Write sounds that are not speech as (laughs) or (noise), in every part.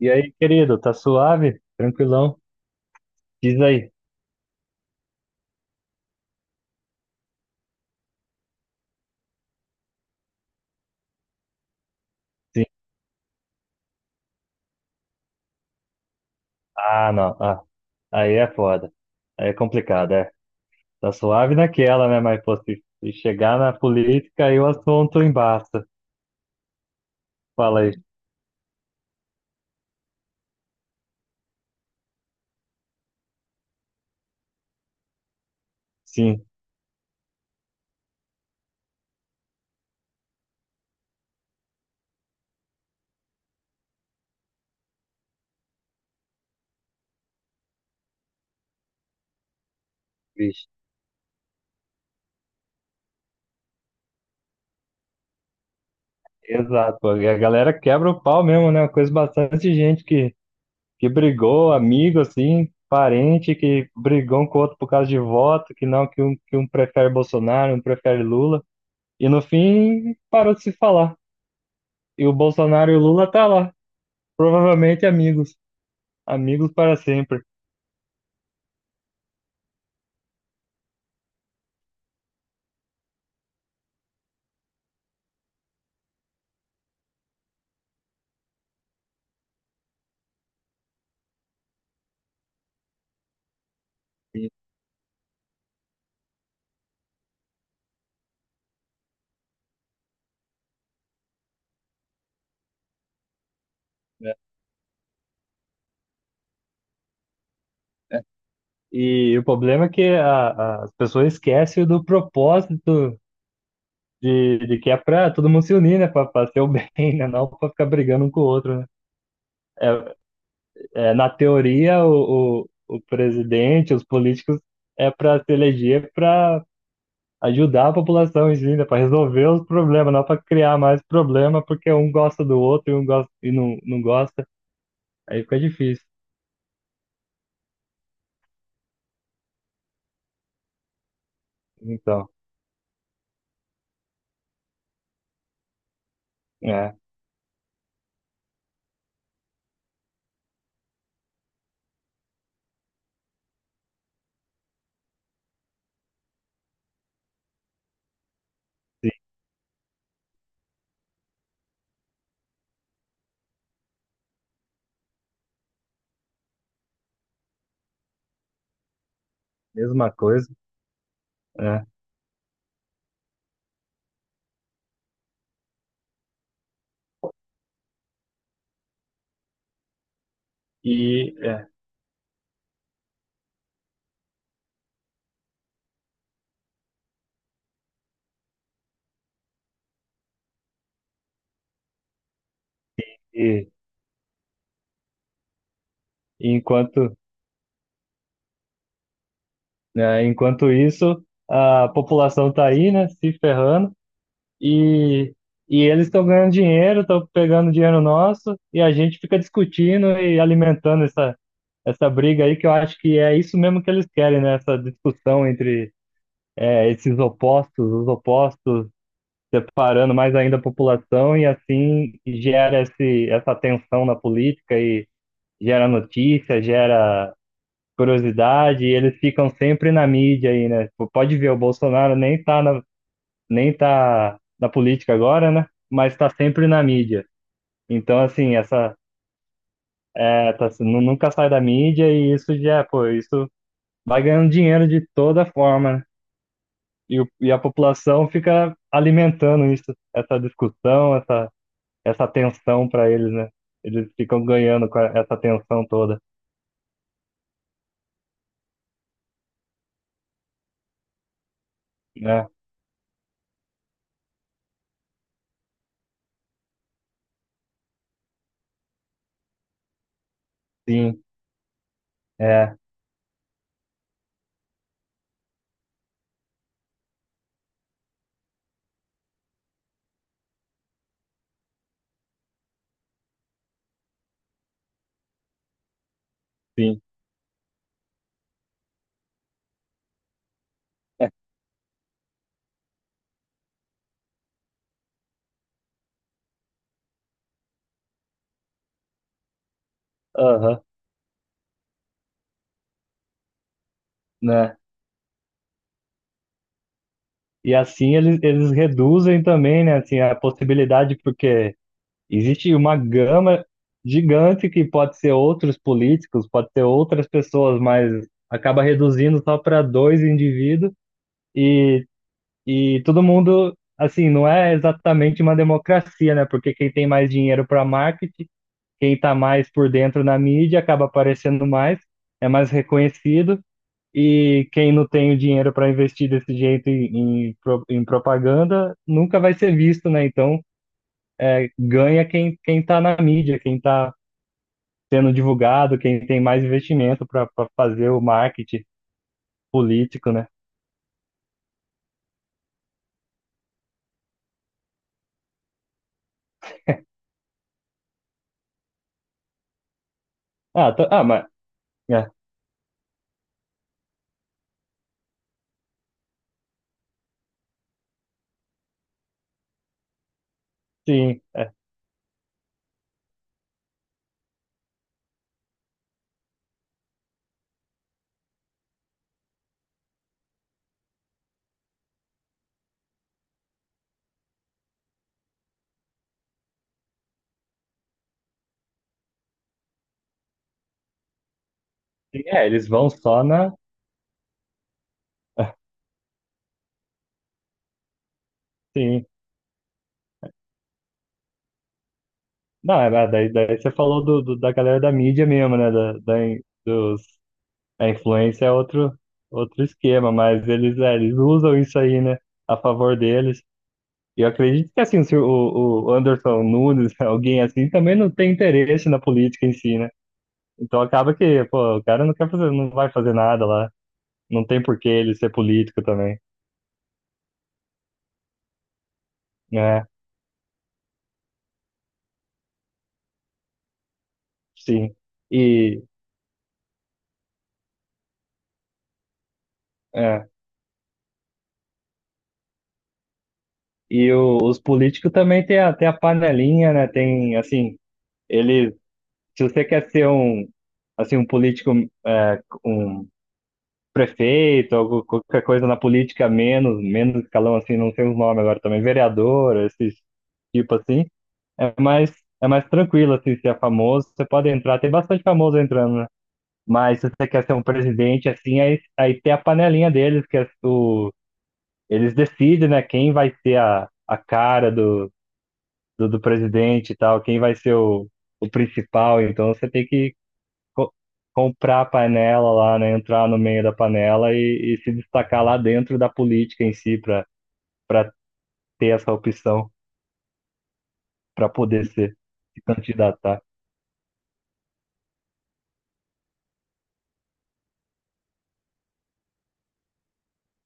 E aí, querido, tá suave? Tranquilão? Diz aí. Sim. Ah, não. Ah, aí é foda. Aí é complicado, é. Tá suave naquela, né? Mas, pô, se chegar na política, aí o assunto embaça. Fala aí. Sim, bicho. Exato, pô. E a galera quebra o pau mesmo, né? Eu conheço bastante gente que brigou, amigo, assim, parente, que brigou um com o outro por causa de voto, que não, que um prefere Bolsonaro, um prefere Lula. E no fim, parou de se falar. E o Bolsonaro e o Lula tá lá. Provavelmente amigos. Amigos para sempre. E, né, né. E o problema é que as pessoas esquecem do propósito de que é para todo mundo se unir, né? Para ser o bem, (laughs) né? Não para ficar brigando um com o outro, né? É, é, na teoria, o presidente, os políticos, é para se eleger para ajudar a população em si, né? Para resolver os problemas, não para criar mais problema, porque um gosta do outro e um gosta, e não gosta. Aí fica difícil. Então, é. Mesma coisa, né? E, é, e enquanto, né, enquanto isso, a população tá aí, né, se ferrando e, e eles estão ganhando dinheiro, estão pegando dinheiro nosso e a gente fica discutindo e alimentando essa briga aí que eu acho que é isso mesmo que eles querem, né? Essa discussão entre é, esses opostos, os opostos separando mais ainda a população e assim gera esse, essa tensão na política e gera notícia, gera curiosidade, e eles ficam sempre na mídia aí, né? Tipo, pode ver, o Bolsonaro nem tá na política agora, né? Mas tá sempre na mídia. Então, assim, essa é, nunca sai da mídia e isso já, pô, isso vai ganhando dinheiro de toda forma, né? E, o- e a população fica alimentando isso, essa discussão, essa tensão para eles, né? Eles ficam ganhando com a- essa tensão toda, né? Sim, é, sim. É, aham, né? E assim eles, eles reduzem também, né, assim, a possibilidade, porque existe uma gama gigante que pode ser outros políticos, pode ser outras pessoas, mas acaba reduzindo só para dois indivíduos e, e todo mundo, assim, não é exatamente uma democracia, né? Porque quem tem mais dinheiro para marketing, quem está mais por dentro na mídia acaba aparecendo mais, é mais reconhecido e quem não tem o dinheiro para investir desse jeito em propaganda nunca vai ser visto, né? Então ganha quem está na mídia, quem está sendo divulgado, quem tem mais investimento para fazer o marketing político, né? Ah, tá- ah, mas é, sim, é, sim, é, eles vão só na, é, sim. Não, é, mas daí, daí você falou do, do- da galera da mídia mesmo, né? Da, da in- dos, a influência é outro outro esquema, mas eles, é, eles usam isso aí, né? A favor deles. E eu acredito que assim, se o Anderson Nunes, (laughs) alguém assim, também não tem interesse na política em si, né? Então acaba que, pô, o cara não quer fazer, não vai fazer nada lá. Não tem por que ele ser político também, né? Sim. E, é, e o- os políticos também tem a, tem a panelinha, né? Tem, assim, ele, se você quer ser um, assim, um político, é, um prefeito, algo, qualquer coisa na política menos, menos escalão assim, não sei os nomes agora também, vereador, esses tipo assim, é mais, é mais tranquilo assim, se é famoso, você pode entrar, tem bastante famoso entrando, né? Mas se você quer ser um presidente assim, aí, aí tem a panelinha deles, que é o, eles decidem, né, quem vai ser a cara do, do presidente e tal, quem vai ser o principal, então você tem que co- comprar a panela lá, né? Entrar no meio da panela e se destacar lá dentro da política em si para para ter essa opção para poder ser se candidatar,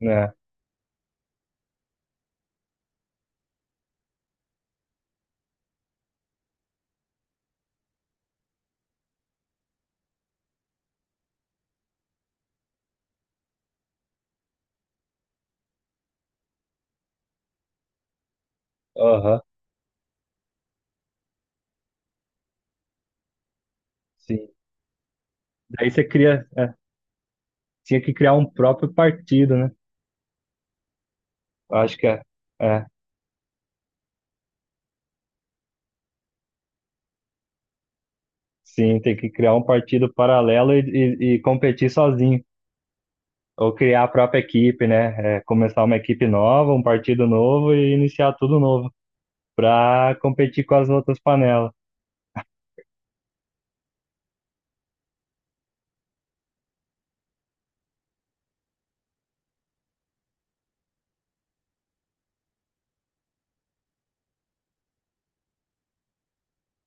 né? Aham, sim. Daí você cria, é, tinha que criar um próprio partido, né? Eu acho que é, é, sim, tem que criar um partido paralelo e competir sozinho. Ou criar a própria equipe, né? É, começar uma equipe nova, um partido novo e iniciar tudo novo para competir com as outras panelas.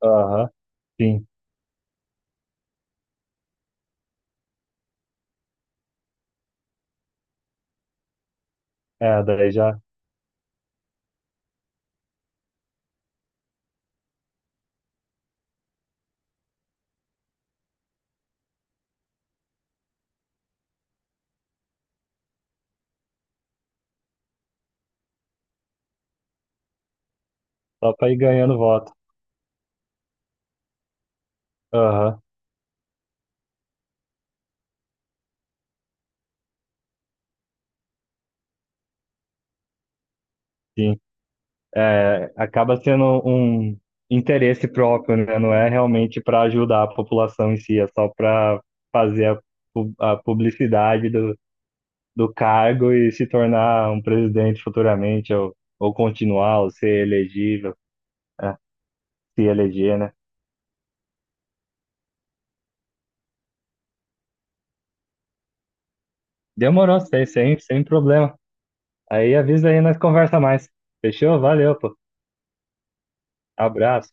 Aham. Sim, é, daí já só para ir ganhando voto. Aham, sim. É, acaba sendo um interesse próprio, né? Não é realmente para ajudar a população em si, é só para fazer a, a publicidade do, do cargo e se tornar um presidente futuramente, ou continuar, ou ser elegível, é, se eleger, né? Demorou, sem, sem, sem problema. Aí avisa aí, nós conversa mais. Fechou? Valeu, pô. Abraço.